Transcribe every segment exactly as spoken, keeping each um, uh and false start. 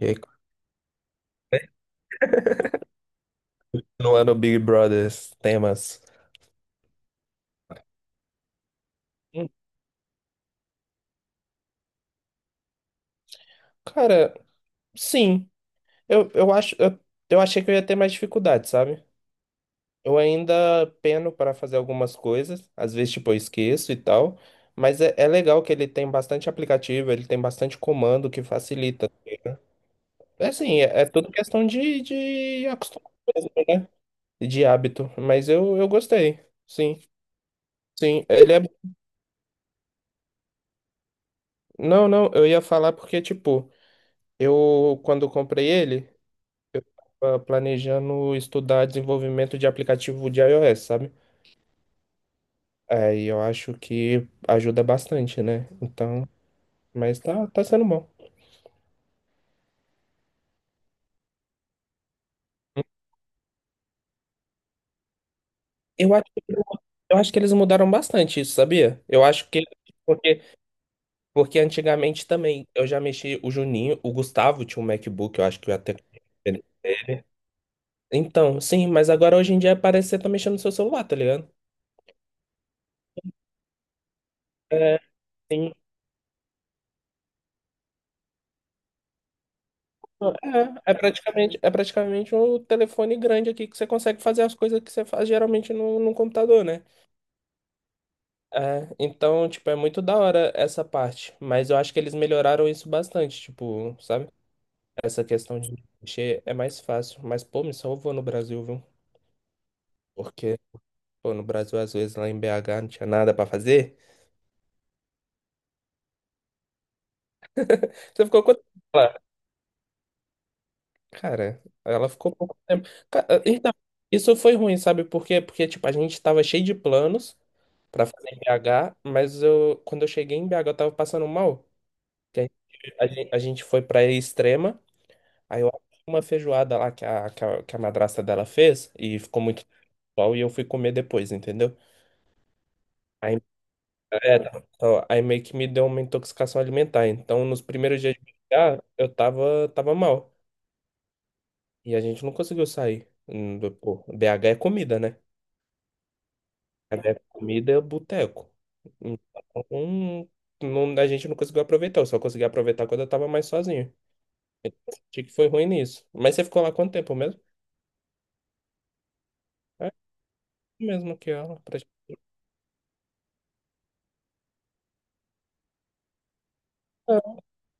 E aí, continuando o Big Brothers temas. Cara, sim. Eu, eu acho, eu, eu achei que eu ia ter mais dificuldade, sabe? Eu ainda peno para fazer algumas coisas, às vezes, tipo, eu esqueço e tal. Mas é, é legal que ele tem bastante aplicativo, ele tem bastante comando que facilita. É assim, é, é tudo questão de, de acostumar mesmo, né? E de hábito. Mas eu, eu gostei. Sim, sim. Ele é. Não, não, eu ia falar porque, tipo, eu quando comprei ele, tava planejando estudar desenvolvimento de aplicativo de iOS, sabe? Aí eu acho que ajuda bastante, né? Então, mas tá, tá sendo bom. Eu acho que, eu acho que eles mudaram bastante isso, sabia? Eu acho que porque, porque antigamente também eu já mexi o Juninho, o Gustavo tinha um MacBook, eu acho que eu até. Então, sim, mas agora hoje em dia parece que você tá mexendo no seu celular, tá ligado? É, sim. É, é praticamente, é praticamente um telefone grande aqui que você consegue fazer as coisas que você faz geralmente no, no computador, né? É, então, tipo, é muito da hora essa parte, mas eu acho que eles melhoraram isso bastante, tipo, sabe? Essa questão de mexer é mais fácil, mas, pô, me salvou no Brasil, viu? Porque, pô, no Brasil, às vezes, lá em B H não tinha nada pra fazer. Você ficou quanto tempo lá? Cara, ela ficou pouco tempo. Ca- Então, isso foi ruim, sabe por quê? Porque, tipo, a gente tava cheio de planos, pra fazer em B H, mas eu, quando eu cheguei em B H, eu tava passando mal. Que a, gente, a gen- a gente foi pra Extrema, aí eu achei uma feijoada lá que a, que a, que a madrasta dela fez, e ficou muito bom, e eu fui comer depois, entendeu? Aí, é, tá, ó, aí meio que me deu uma intoxicação alimentar. Então, nos primeiros dias de B H, eu tava, tava mal. E a gente não conseguiu sair. Hum, do- Pô, B H é comida, né? B H é comida, é boteco. Hum, não- a gente não conseguiu aproveitar, eu só consegui aproveitar quando eu tava mais sozinho. Achei que foi ruim nisso. Mas você ficou lá quanto tempo mesmo? É mesmo que ela. pra- Ah,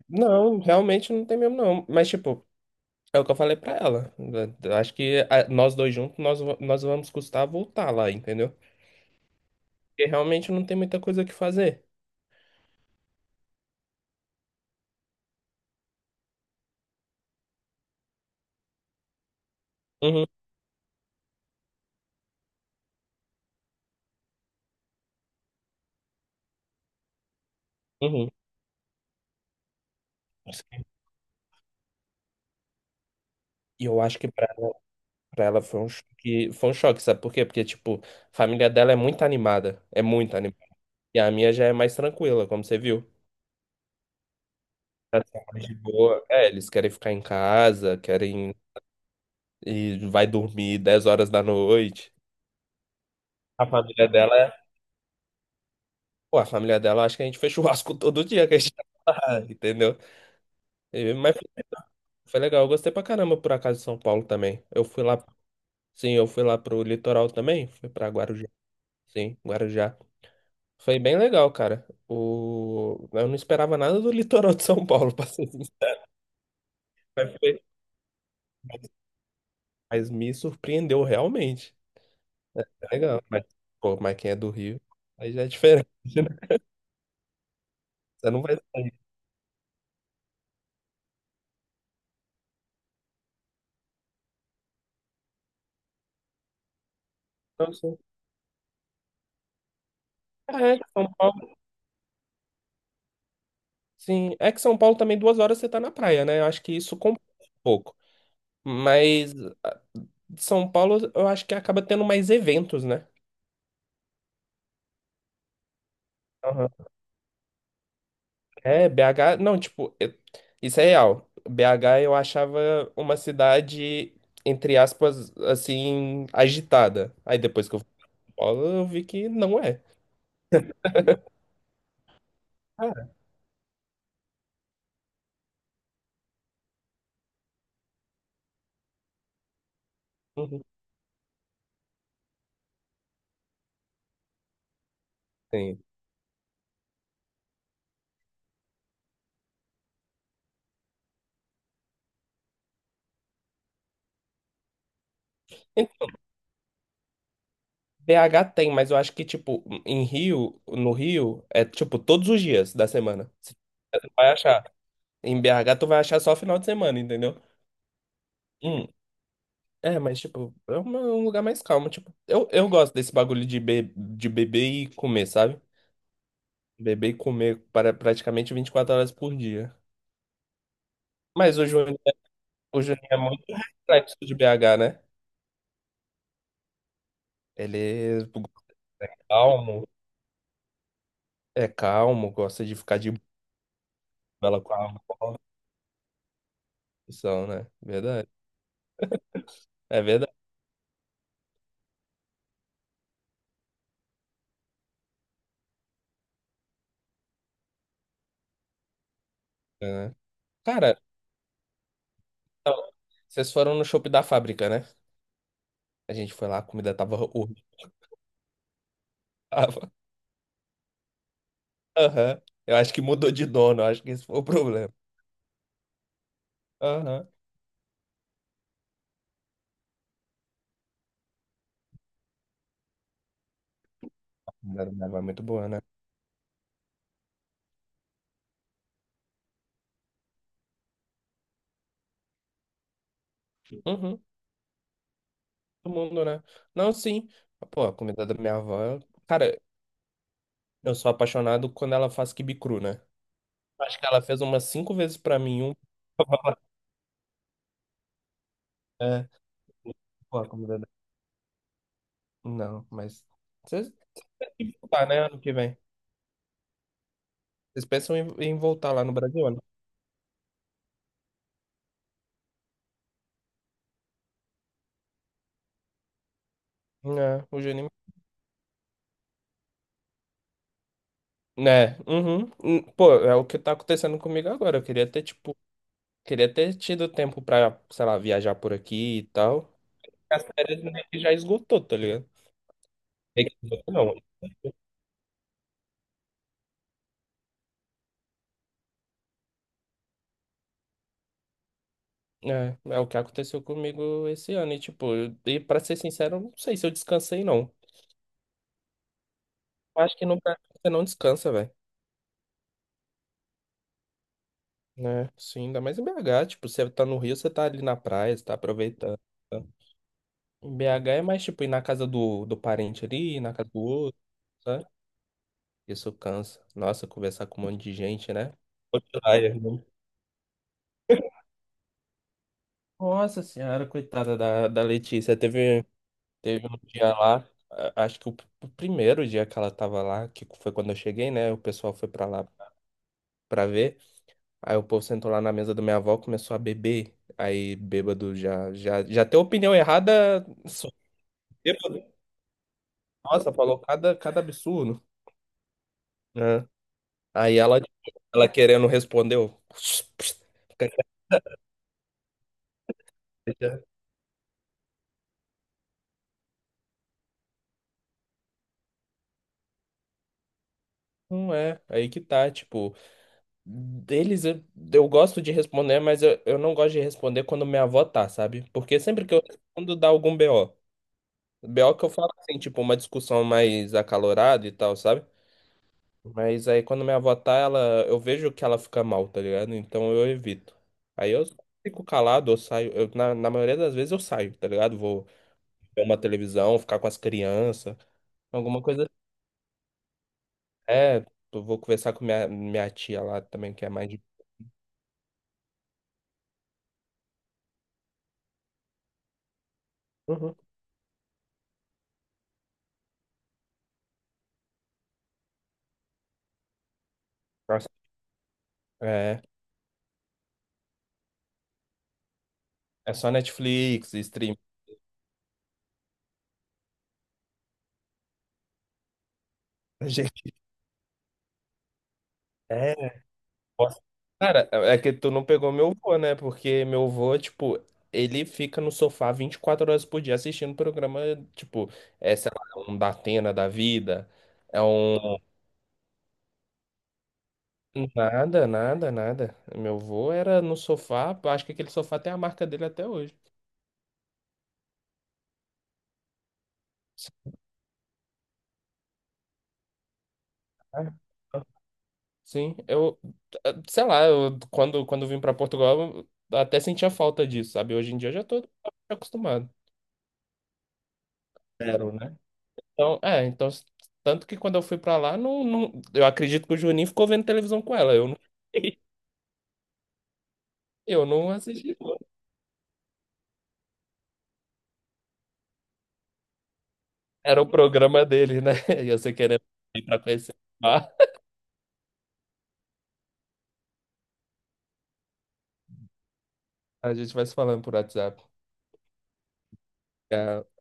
não, realmente não tem mesmo, não. Mas tipo, é o que eu falei pra ela. Eu acho que ah, nós dois juntos, nós, va- nós vamos custar voltar lá, entendeu? Porque realmente não tem muita coisa que fazer. Uhum, uhum. E eu acho que pra, pra ela foi um choque, foi um choque, sabe por quê? Porque, tipo, a família dela é muito animada, é muito animada. E a minha já é mais tranquila, como você viu. Tá sendo mais de boa. É, eles querem ficar em casa, querem e vai dormir dez horas da noite. A família dela é. Pô, a família dela, acho que a gente fez churrasco todo dia que a gente tava lá, entendeu? E- mas foi foi legal, eu gostei pra caramba por acaso de São Paulo também. Eu fui lá, sim, eu fui lá pro litoral também, fui pra Guarujá, sim, Guarujá. Foi bem legal, cara. O... Eu não esperava nada do litoral de São Paulo, pra ser sincero, mas foi- mas me surpreendeu realmente. Legal, mas, pô, mas quem é do Rio, aí já é diferente, né? Você não vai sair. Então, assim, é, de São Paulo. Sim, é que São Paulo também duas horas você tá na praia, né? Eu acho que isso compensa um pouco. Mas ah, São Paulo, eu acho que acaba tendo mais eventos, né? Aham. É, B H, não, tipo, eu- isso é real. B H eu achava uma cidade, entre aspas, assim, agitada. Aí depois que eu fui pra São Paulo, eu vi que não é. Ah, uhum, sim. B H tem, mas eu acho que, tipo, em Rio, no Rio, é tipo todos os dias da semana. Você vai achar. Em B H, tu vai achar só final de semana, entendeu? Hum, É, mas, tipo, é uma- um lugar mais calmo. Tipo, eu, eu gosto desse bagulho de, be de beber e comer, sabe? Beber e comer para praticamente vinte e quatro horas por dia. Mas o Juninho, o Juninho é muito reflexo de B H, né? Ele é calmo, é calmo, gosta de ficar de bela com a são, né? É verdade. É verdade, né? Cara, não, vocês foram no shopping da fábrica, né? A gente foi lá, a comida tava horrível. Tava. Aham. Eu acho que mudou de dono, eu acho que esse foi o problema. Aham. A comida da minha avó é muito boa, né? Uhum. Todo mundo, né? Não, sim. Pô, a comida da minha avó. eu- Cara, eu sou apaixonado quando ela faz quibe cru, né? Acho que ela fez umas cinco vezes pra mim. Um... É. Pô, a comida da. Não, mas. Vocês vocês têm que voltar, né? Ano que vem. Vocês pensam em, em voltar lá no Brasil, né? É, o Juninho. Né? Uhum. Hum, Pô, é o que tá acontecendo comigo agora. Eu queria ter, tipo, queria ter tido tempo pra, sei lá, viajar por aqui e tal. As férias meio que já esgotou, tá ligado? Meio que esgotou, não. É, é o que aconteceu comigo esse ano. E, tipo, eu- e pra ser sincero, eu não sei se eu descansei, não. Eu acho que no Brasil você não descansa, velho. Né? Sim, ainda mais em B H. Tipo, você tá no Rio, você tá ali na praia, você tá aproveitando. Tá? Em B H é mais, tipo, ir na casa do, do parente ali, ir na casa do outro. Isso cansa. Nossa, conversar com um monte de gente, né? Outro layer, né? Nossa senhora, coitada da, da Letícia. Teve, teve um dia lá, a- acho que o, p- o primeiro dia que ela tava lá, que foi quando eu cheguei, né? O pessoal foi pra lá pra ver. Aí o povo sentou lá na mesa da minha avó, começou a beber. Aí bêbado já, já, já tem opinião errada. só- Bêbado. Nossa, falou cada, cada absurdo, né? Aí ela, ela querendo respondeu. Não é, aí que tá, tipo. Deles eu, eu gosto de responder, mas eu, eu não gosto de responder quando minha avó tá, sabe? Porque sempre que eu respondo dá algum B O. B O que eu falo assim, tipo, uma discussão mais acalorada e tal, sabe? Mas aí quando minha avó tá, ela, eu vejo que ela fica mal, tá ligado? Então eu evito. Aí eu fico calado, eu saio. Eu, na, na maioria das vezes eu saio, tá ligado? Vou ver uma televisão, ficar com as crianças, alguma coisa assim. É, eu vou conversar com minha, minha tia lá também, que é mais de. Uhum. Nossa. É. É só Netflix, stream. Gente, é, nossa. Cara, é que tu não pegou meu vô, né? Porque meu vô, tipo, ele fica no sofá 24 horas por dia assistindo programa, tipo, é, sei lá, é um Datena da vida. É um. Nada, nada, nada. Meu vô era no sofá, eu acho que aquele sofá tem a marca dele até hoje. Sabe? Sim, eu, eh, sei lá, eu, quando, quando eu vim pra Portugal, eu até sentia falta disso, sabe? Hoje em dia eu já tô acostumado. Zero, né? Então, é, então, s- tanto que quando eu fui pra lá, não, não, eu acredito que o Juninho ficou vendo televisão com ela. Eu não, eu não assisti, não. Era o programa dele, né? E você querendo ir pra conhecer. Ah, a gente vai se falando por WhatsApp. Tchau.